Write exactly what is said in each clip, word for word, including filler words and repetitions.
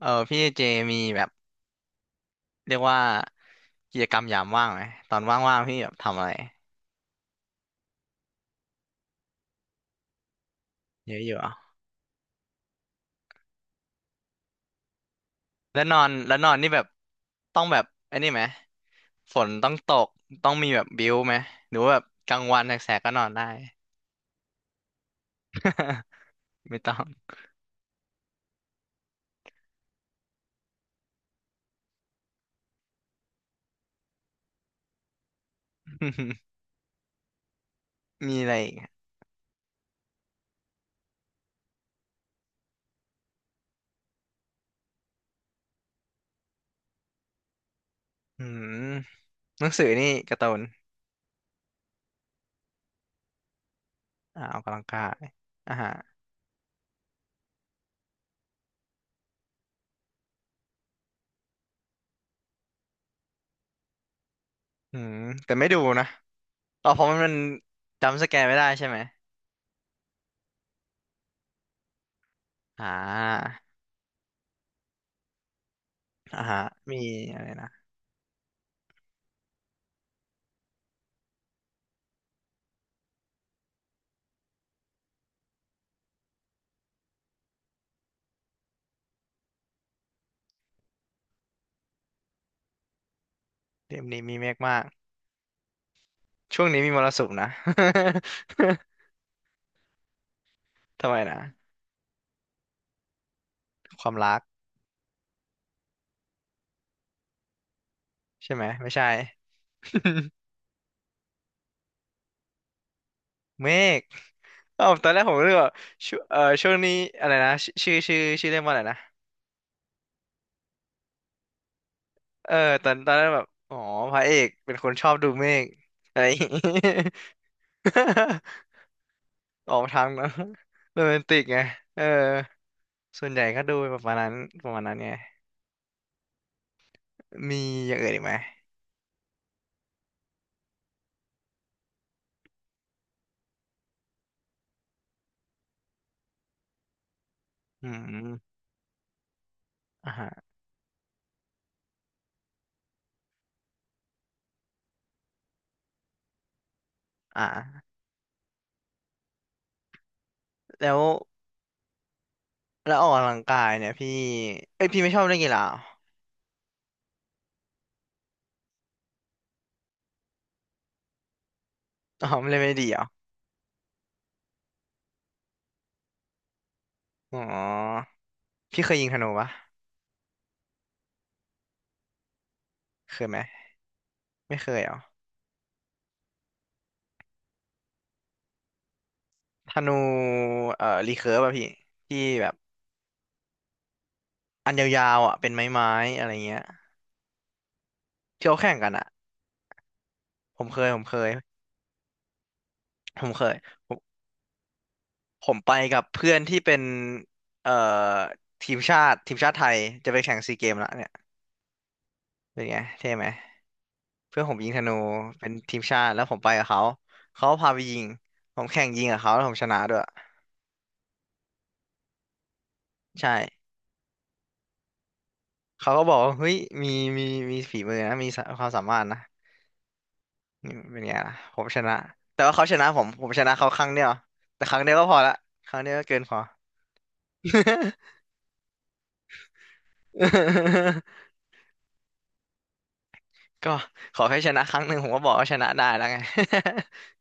เออพี่เจมีแบบเรียกว่ากิจกรรมยามว่างไหมตอนว่างๆพี่แบบทำอะไรเยอะอยู่อ่ะแล้วนอนแล้วนอนนี่แบบต้องแบบไอ้นี่ไหมฝนต้องตกต้องมีแบบบิ้วไหมหรือว่าแบบกลางวันแสกๆก็นอนได้ ไม่ต้อง มีอะไรอีกอะอืมหนังสือนี่การ์ตูนอ่าออกกำลังกายอ่าฮะอืมแต่ไม่ดูนะอ๋อเพราะมันมันจำสแกนไม่ได้ใช่ไหมอ่าอ่าฮะมีอะไรนะเล่มนี้มีเมฆมาก ช่วงนี้มีมรสุมนะ ทำไมนะ ความรักใช่ไหม ไม่ใช่ เมฆเอ้าตอนแรกผมเลือกว่าช่วเอ่อช่วงนี้อะไรนะชชื่อชื่อชื่อเรียกว่าอะไรนะเออตอนตอนแรกแบบอ๋อพระเอกเป็นคนชอบดูเมฆอะไรอย่างงี้ ออกทางนะโรแมนติกไงเออ ส่วนใหญ่ก็ดูประมาณนั้นประมาณนั้นไงมีอย่างอื่นอีกไหมอืมอ่าฮะอ่าแล้วแล้วออกกำลังกายเนี่ยพี่เอ้ยพี่ไม่ชอบเล่นกีฬา อ๋อมันเล่นไม่ดีเหรออ๋อพี่เคยยิงธนูปะเคยไหมไม่เคยเหรอธนูเอ่อรีเคิร์ฟอะพี่ที่แบบอันยาวๆอะเป็นไม้ๆอะไรเงี้ยที่เขาแข่งกันอะผมเคยผมเคยผมเคยผมผมไปกับเพื่อนที่เป็นเอ่อทีมชาติทีมชาติไทยจะไปแข่งซีเกมละเนี่ยเป็นไงเท่ไหมเพื่อนผมยิงธนูเป็นทีมชาติแล้วผมไปกับเขาเขาพาไปยิงผมแข่งยิงกับเขาแล้วผมชนะด้วยใช่ เขาก็บอกว่าเฮ้ยมีมีมีฝีมือนะมีสะความสามารถนะนี่เป็นไงล่ะผมชนะแต่ว่าเขาชนะผมผมชนะเขาครั้งเดียวแต่ครั้งเดียวก็พอละครั้งเดียวก็เกินพอ ก็ขอแค่ชนะครั้งหนึ่งผมก็บอกว่าชนะได้แล้วไง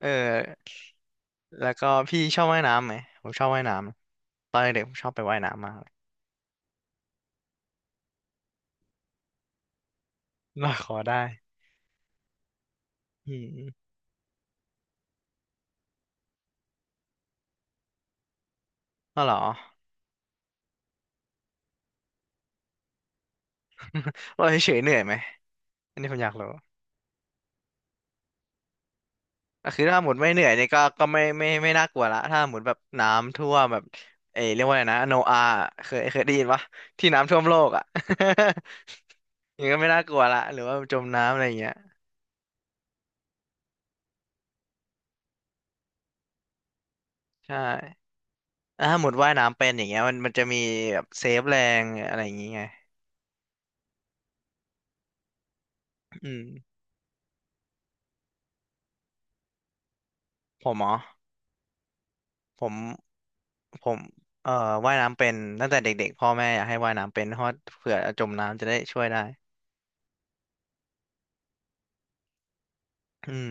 เออแล้วก็พี่ชอบว่ายน้ำไหมผมชอบว่ายน้ำตอนเด็กๆผมชอบไปว่ายน้ำมากเลย ลอยคอได้อืมก็เหรอลอยเฉยๆเหนื่อยไหมอันนี้ผมอยากรู้ ก็คือถ้าหมดไม่เหนื่อยเนี่ยก็ก็ไม่ไม่ไม่น่ากลัวละถ้าหมดแบบน้ำท่วมแบบเอยเรียกว่าอะไรนะโนอาเคยเคยได้ยินปะที่น้ำท่วมโลกอ่ะ อย่างนี้ก็ไม่น่ากลัวละหรือว่าจมน้ำอะไรอย่างเงี้ยใช่แล้วถ้าหมดว่ายน้ำเป็นอย่างเงี้ยมันมันจะมีแบบเซฟแรงอะไรอย่างเงี้ยอืมผมเหรอผมผมเอ่อว่ายน้ำเป็นตั้งแต่เด็กๆพ่อแม่อยากให้ว่ายน้ำเป็นเพราะเผื่อจมน้ำจะได้ช่วยได้อืม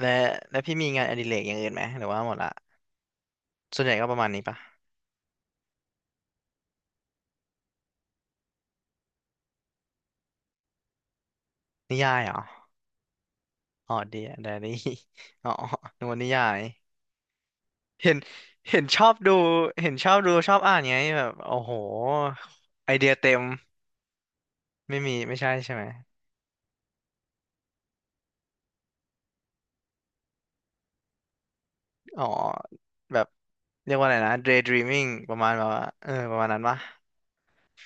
และและพี่มีงานอดิเรกอย่างอื่นไหมหรือว่าหมดละส่วนใหญ่ก็ประมาณนี้ปะ นิยายเหรออ๋อเดียได อารี่อ๋อนึกว่านิยายเห็นเห็นชอบดูเห็นชอบดู ชอบอ่านไงแบบโอ้โหไอเดียเต็มไม่มี ไม่ใช่ใช่ไหมอ๋อแบบ เรียกว่าอะไรนะ daydreaming ประมาณแบบว่าเออประมาณนั้นปะ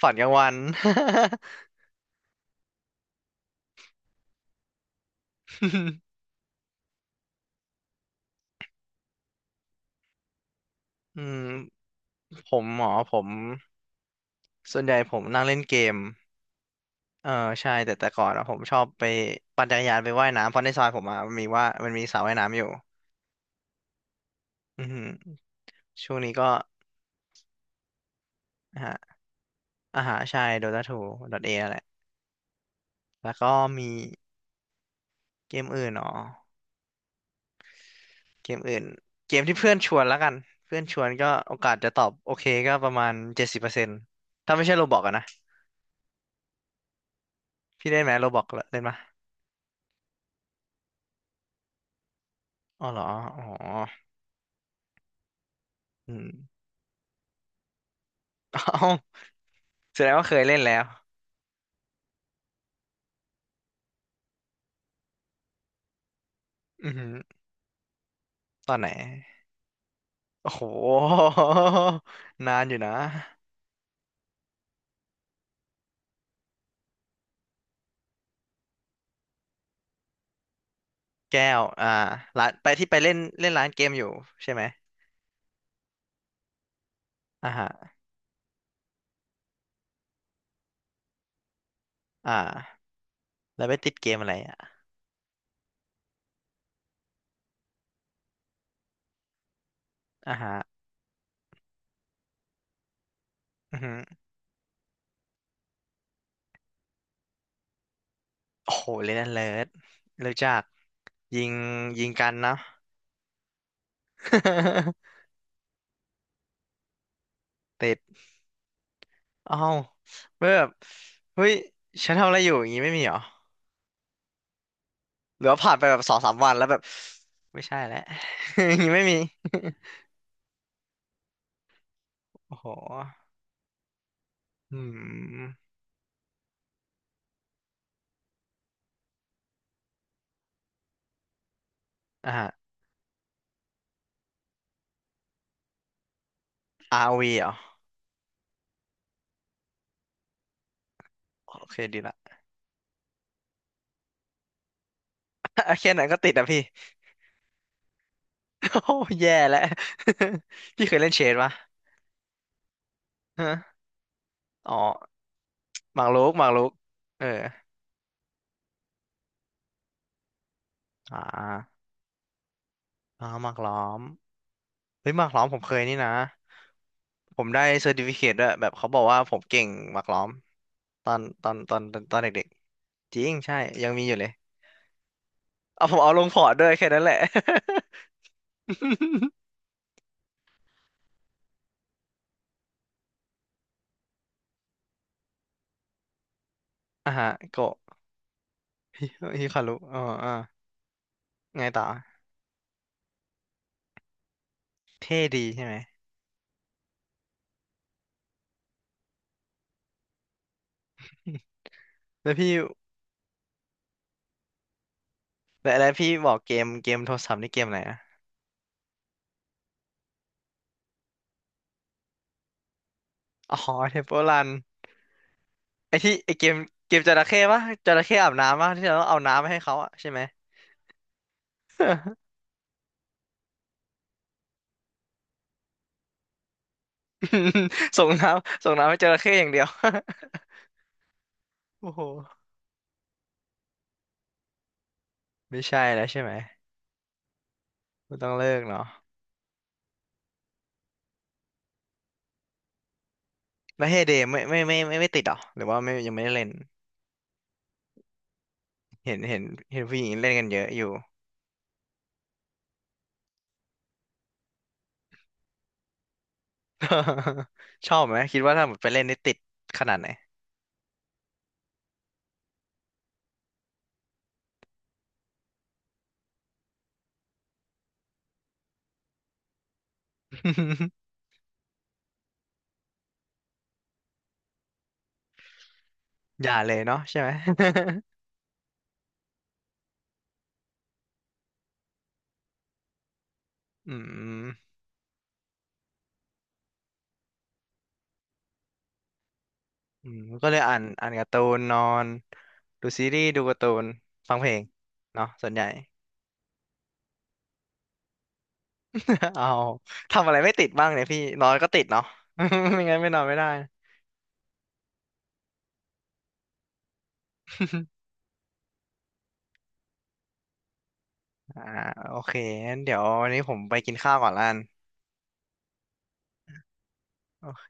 ฝันกลางวัน อืมผมหมอผมส่วนใหญ่ผมนั่งเล่นเกม เออใช่แต่แต่ก่อนอะผมชอบไปปั่นจักรยานไปว่ายน้ำเพราะในซอยผมอะมันมีว่ามันมีสระว่ายน้ำอยู่อือหือ ช่วงนี้ก็นะฮะอาหารชายโดตาทูดอเอแหละแล้วก็มีเกมอื่นอ๋อเกมอื่นเกมที่เพื่อนชวนแล้วกันเพื่อนชวนก็โอกาสจะตอบโอเคก็ประมาณเจ็ดสิบเปอร์เซ็นต์ถ้าไม่ใช่โรบอกอะนะพี่เล่นไหมโรบอกเล่นปะอ๋อเหรออ๋ออืม เอ้าแสดงว่าเคยเล่นแล้วอือหือตอนไหนโอ้โห นานอยู่นะแก้วอ่าร้านไปที่ไปเล่นเล่นร้านเกมอยู่ใช่ไหมอ่าฮะอ่า แล้วไปติดเกมอะไรอ่ะอ่าฮะอือฮึโอ้โหเล่นเลิศรู้จักยิงยิงกันเนาะ ติดเอ้าแบบเฮ้ยฉันทำอะไรอยู่อย่างงี้ไม่มีเหรอ หรือว่าผ่านไปแบบสองสามวันแล้วแบบไม่ใช่แล้ว อย่างงี้ไม่มี โอ้โหอืมอ่าฮะอาร์วีเหรอโอเคดีละ แค่นั้นก็ติดอะพี่ โอ้แย่แล้ว พี่เคยเล่นเชดปะฮะอ๋อหมากรุกหมากรุกเอออ่า อ่าหมากล้อมเฮ้ยหมากล้อมผมเคยนี่นะผมได้เซอร์ติฟิเคตด้วยแบบเขาบอกว่าผมเก่งหมากล้อมตอนตอนตอนตอนตอนเด็กๆจริงใช่ยังมีอยู่เลยเอาผมเอาลงพอร์ตด้วยแค่นั้นแหละ อ่าฮะโกะฮิคารุอ๋ออ่าไงต่อเท่ดีใช่ไหม แล้วพี่แล้วแล้วพี่บอกเกมเกมโทรศัพท์นี่เกมอะไรนะอ๋อเทมเพิลรันไอที่ไอเกมเกมจระเข้ปะจระเข้อาบน้ำปะที่เราต้องเอาน้ำไปให้เขาอะใช่ไหม ส่งน้ำส่งน้ำให้จระเข้อย่างเดียว โอ้โหไม่ใช่แล้วใช่ไหมก็ต้องเลิกเนาะแล้วเฮเดย์ไม่ไม่ไม่ไม่ไม่ติดเหรอหรือว่าไม่ยังไม่ได้เล่นเห็นเห็นเห็นผู้หญิงเล่นกันเยอะอยู่ ชอบไหมคิดว่าถ้าหมดไปเล่นนี่ติดขนาดไหน อย่าเลยเนาะใช่ไหม อืมอืมก็เลยอ่านอ่านการ์ตูนนอนดูซีรีส์ดูการ์ตูนฟังเพลงเนาะส่วนใหญ่ เอาทำอะไรไม่ติดบ้างเนี่ยพี่นอนก็ติดเนาะ ไม่งั้นไม่นอนไม่ได้ อ่าโอเคงั้นเดี๋ยววันนี้ผมไปกินข้าวก่อนละกันโอเค